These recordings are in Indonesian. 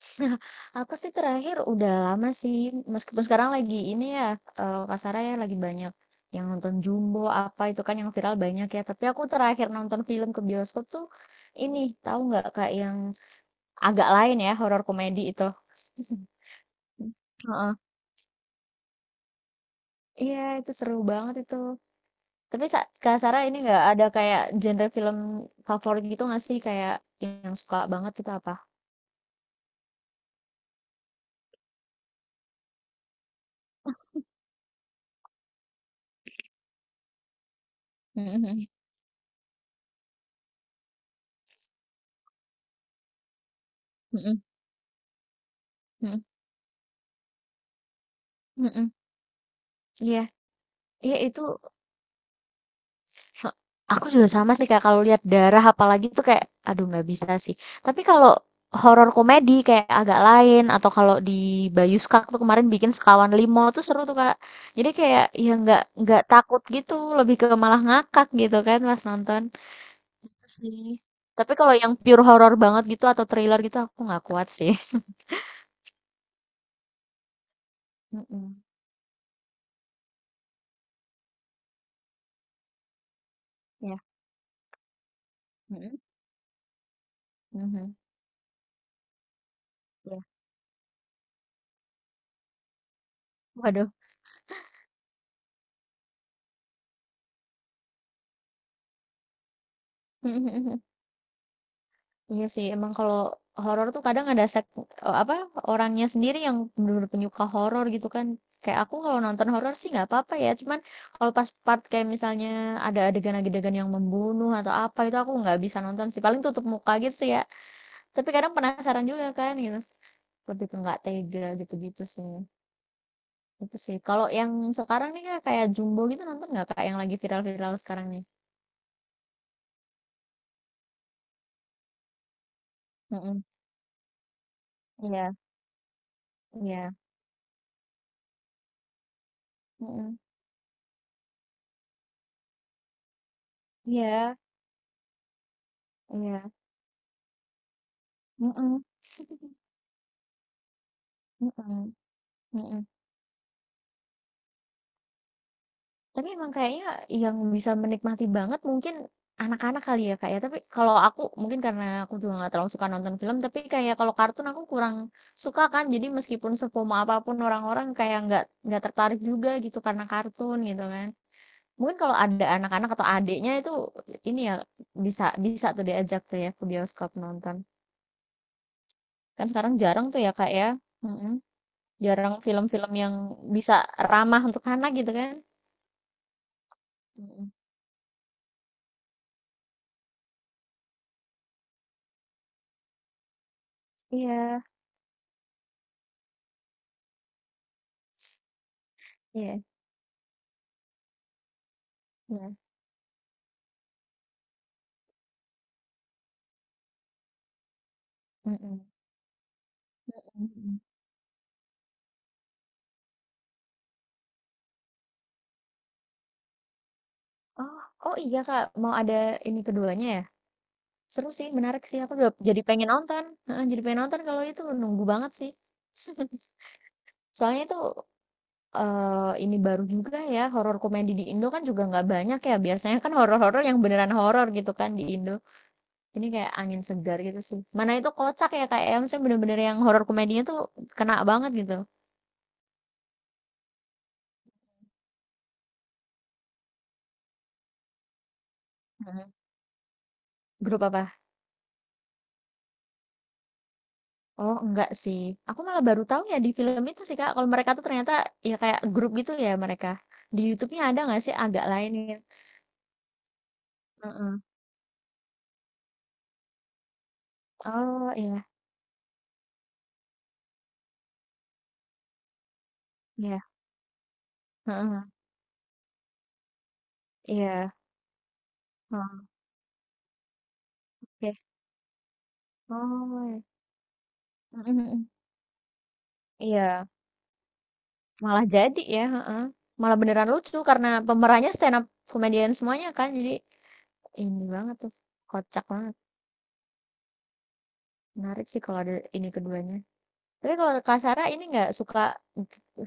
Nah, aku sih terakhir udah lama sih, meskipun sekarang lagi ini ya, Kak Sarah ya, lagi banyak yang nonton Jumbo, apa itu kan yang viral banyak ya. Tapi aku terakhir nonton film ke bioskop tuh ini, tahu nggak Kak, yang agak lain ya, horor komedi itu. Heeh. Iya, itu seru banget itu. Tapi Kak Sarah ini nggak ada kayak genre film favorit gitu nggak sih, kayak yang suka banget itu apa? Mhm mhm. Mhm mhm mhm. Iya. Iya, itu Se aku juga sama sih kayak kalau lihat darah apalagi tuh kayak, aduh nggak bisa sih. Tapi kalau horor komedi kayak Agak Lain atau kalau di Bayuskak tuh kemarin bikin Sekawan Limo tuh seru tuh Kak. Jadi kayak ya nggak takut gitu, lebih ke malah ngakak gitu kan pas nonton. Itu sih. Tapi kalau yang pure horor banget gitu atau thriller gitu aku nggak kuat sih. Mhm. Ya. Mhm. Mhm. Ya. Waduh. Iya sih, emang kalau horor tuh kadang ada apa, orangnya sendiri yang bener penyuka horor gitu kan. Kayak aku kalau nonton horor sih nggak apa-apa ya, cuman kalau pas part kayak misalnya ada adegan-adegan yang membunuh atau apa, itu aku nggak bisa nonton sih, paling tutup muka gitu sih ya. Tapi kadang penasaran juga kan gitu, lebih ke nggak tega gitu-gitu sih, itu sih. Kalau yang sekarang nih Kak, kayak Jumbo gitu nonton nggak kayak yang lagi viral-viral sekarang nih? Mhm, iya iya, mhm, iya iya, mhm, mhm. Mhm. Tapi emang kayaknya yang bisa menikmati banget mungkin anak-anak kali ya, Kak, ya? Tapi kalau aku mungkin karena aku juga nggak terlalu suka nonton film, tapi kayak kalau kartun aku kurang suka kan. Jadi meskipun sepomo apapun orang-orang kayak nggak tertarik juga gitu karena kartun gitu kan. Mungkin kalau ada anak-anak atau adiknya itu ini ya bisa bisa tuh diajak tuh ya ke bioskop nonton. Kan sekarang jarang tuh ya, Kak, ya? Mhm. Jarang film-film yang bisa ramah untuk anak gitu kan? Mhm. Iya, iya, iya. Mhm, mhm. Oh oh iya, Kak, mau ada ini keduanya ya? Seru sih, menarik sih, aku udah jadi pengen nonton, heeh, jadi pengen nonton kalau itu, nunggu banget sih. Soalnya itu, ini baru juga ya, horor komedi di Indo kan juga nggak banyak ya, biasanya kan horor-horor yang beneran horor gitu kan di Indo. Ini kayak angin segar gitu sih. Mana itu kocak ya, Kak, ya, maksudnya bener-bener yang horor komedinya tuh kena banget gitu. Mhm, grup apa? Oh, enggak sih. Aku malah baru tahu ya di film itu sih, Kak. Kalau mereka tuh ternyata ya kayak grup gitu ya mereka. Di YouTube-nya ada nggak sih agak lain ya? Heeh. Oh, iya. Iya. Heeh. Iya. Heeh. Oke. Oh, iya. Mhm, mhm. Iya. Malah jadi ya, heeh. Malah beneran lucu karena pemerannya stand up comedian semuanya kan. Jadi ini banget tuh. Kocak banget. Menarik sih kalau ada ini keduanya. Tapi kalau Kak Sarah ini nggak suka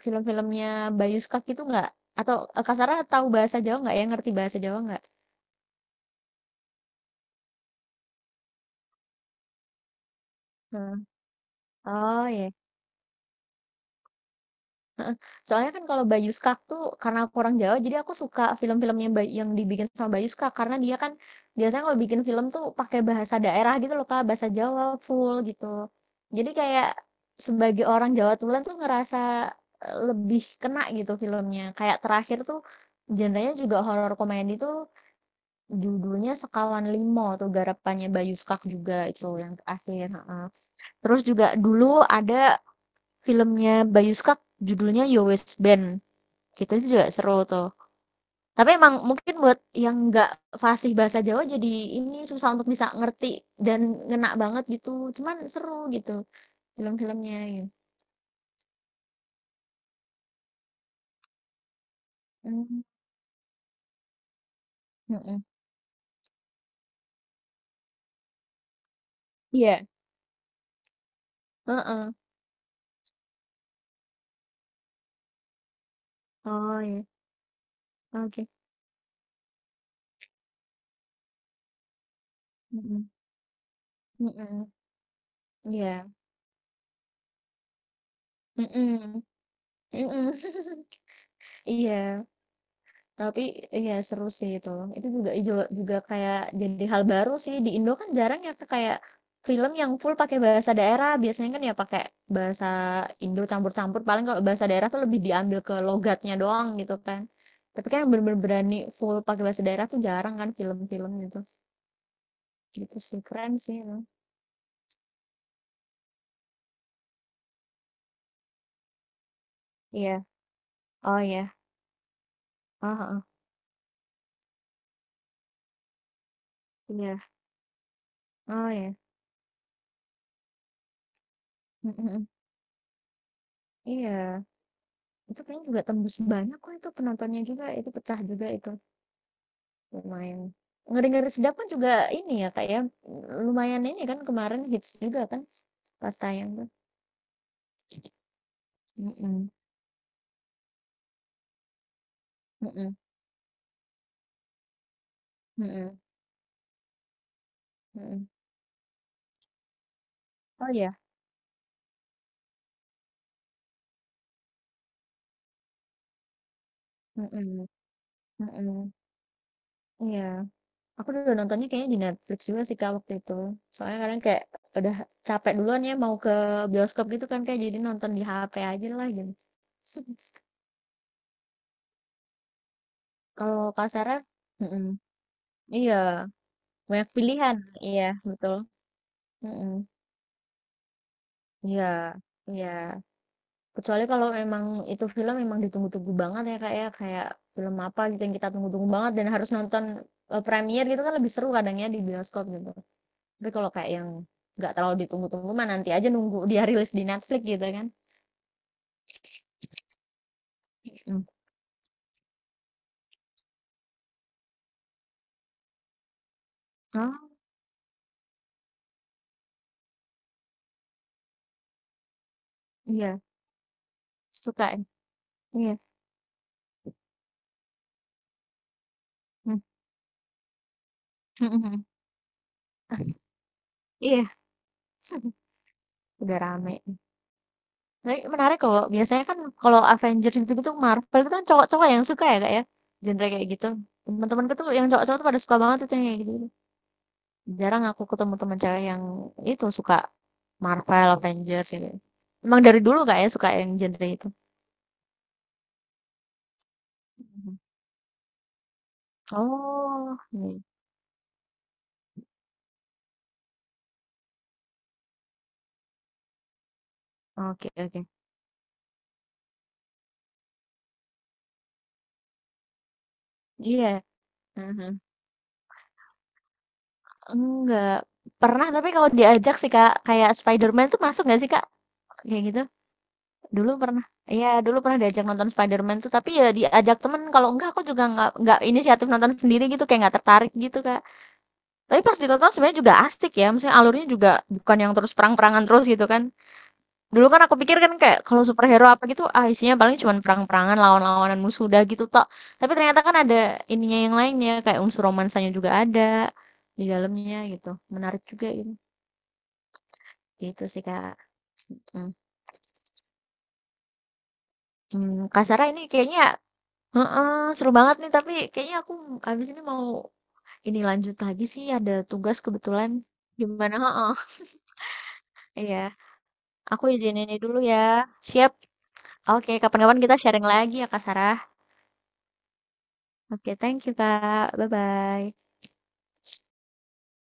film-filmnya Bayu Skak gitu nggak? Atau Kak Sarah tahu bahasa Jawa nggak ya? Ngerti bahasa Jawa nggak? Hmm. Oh ya. Heeh. Soalnya kan kalau Bayu Skak tuh karena aku orang Jawa, jadi aku suka film-filmnya yang dibikin sama Bayu Skak karena dia kan biasanya kalau bikin film tuh pakai bahasa daerah gitu loh Kak, bahasa Jawa full gitu. Jadi kayak sebagai orang Jawa Tulen tuh ngerasa lebih kena gitu filmnya. Kayak terakhir tuh genrenya juga horor komedi tuh Judulnya Sekawan Limo tuh garapannya Bayu Skak juga itu yang terakhir, heeh. Terus juga dulu ada filmnya Bayu Skak judulnya Yo Wes Band, gitu sih juga seru tuh. Tapi emang mungkin buat yang nggak fasih bahasa Jawa jadi ini susah untuk bisa ngerti dan ngena banget gitu, cuman seru gitu film-filmnya gitu. Mmm, mhm. Iya, heeh. Oh ya, oke. Mhm, mhm, iya, mhm, mhm. Iya. Tapi iya seru sih itu. Itu juga ijo juga kayak jadi hal baru sih di Indo kan jarang ya Kak, kayak film yang full pakai bahasa daerah. Biasanya kan ya pakai bahasa Indo campur-campur. Paling kalau bahasa daerah tuh lebih diambil ke logatnya doang gitu kan. Tapi kan yang bener-bener berani full pakai bahasa daerah tuh jarang kan film-film gitu. Gitu sih keren sih itu. Iya. Oh iya. Oh oh. Iya. Oh iya. Mm, mm, mm. Iya. Itu kayaknya juga tembus banyak kok itu penontonnya juga. Itu pecah juga itu. Lumayan. Ngeri-ngeri Sedap kan juga ini ya, Kak, ya, lumayan ini kan kemarin hits juga kan pas tayang tuh. Mhm, mhm, mhm, mhm. Oh ya? Mhm, mhm, iya. Aku udah nontonnya kayaknya di Netflix juga sih, Kak, waktu itu. Soalnya kadang kayak udah capek duluan ya mau ke bioskop gitu kan, kayak jadi nonton di HP aja lah gitu. Kalau Kak Sarah mhm, iya, banyak pilihan, iya betul, mhm, iya, iya. Kecuali kalau memang itu film memang ditunggu-tunggu banget ya, Kak, ya, kayak film apa gitu yang kita tunggu-tunggu banget dan harus nonton, premiere gitu kan lebih seru kadangnya di bioskop gitu. Tapi kalau kayak yang nggak terlalu ditunggu-tunggu mah nanti aja nunggu dia rilis di Netflix gitu kan. Mhm. Oh, iya, suka ya? Iya, mmm, Iya, udah rame. Tapi menarik loh, biasanya kan kalau Avengers gitu-gitu, Marvel itu kan cowok-cowok yang suka ya, Kak, ya, genre kayak gitu. Temenku tuh yang cowok-cowok tuh pada suka banget tuh yang kayak gitu Jarang aku ketemu teman cewek yang itu suka Marvel, Avengers gitu. Emang dari dulu kak ya suka yang genre itu? Mhm. Oh, iya. Oke oke. Iya. Mhm. Enggak pernah tapi kalau diajak sih kak kayak Spider-Man tuh masuk nggak sih kak kayak gitu? Dulu pernah. Iya dulu pernah diajak nonton Spider-Man tuh tapi ya diajak temen kalau enggak aku juga nggak inisiatif nonton sendiri gitu kayak nggak tertarik gitu kak. Tapi pas ditonton sebenarnya juga asik ya, maksudnya alurnya juga bukan yang terus perang-perangan terus gitu kan. Dulu kan aku pikir kan kayak kalau superhero apa gitu, ah isinya paling cuma perang-perangan, lawan-lawanan musuh udah gitu tok. Tapi ternyata kan ada ininya yang lainnya, kayak unsur romansanya juga ada di dalamnya gitu. Menarik juga gitu. Gitu sih Kak. Hmm. Hmm, Kak Sarah ini kayaknya heeh, seru banget nih, tapi kayaknya aku habis ini mau ini lanjut lagi sih ada tugas kebetulan. Gimana? Heeh. Iya. Aku izin ini dulu ya. Siap. Oke, kapan-kapan kita sharing lagi ya Kak Sarah. Oke, thank you Kak. Bye-bye.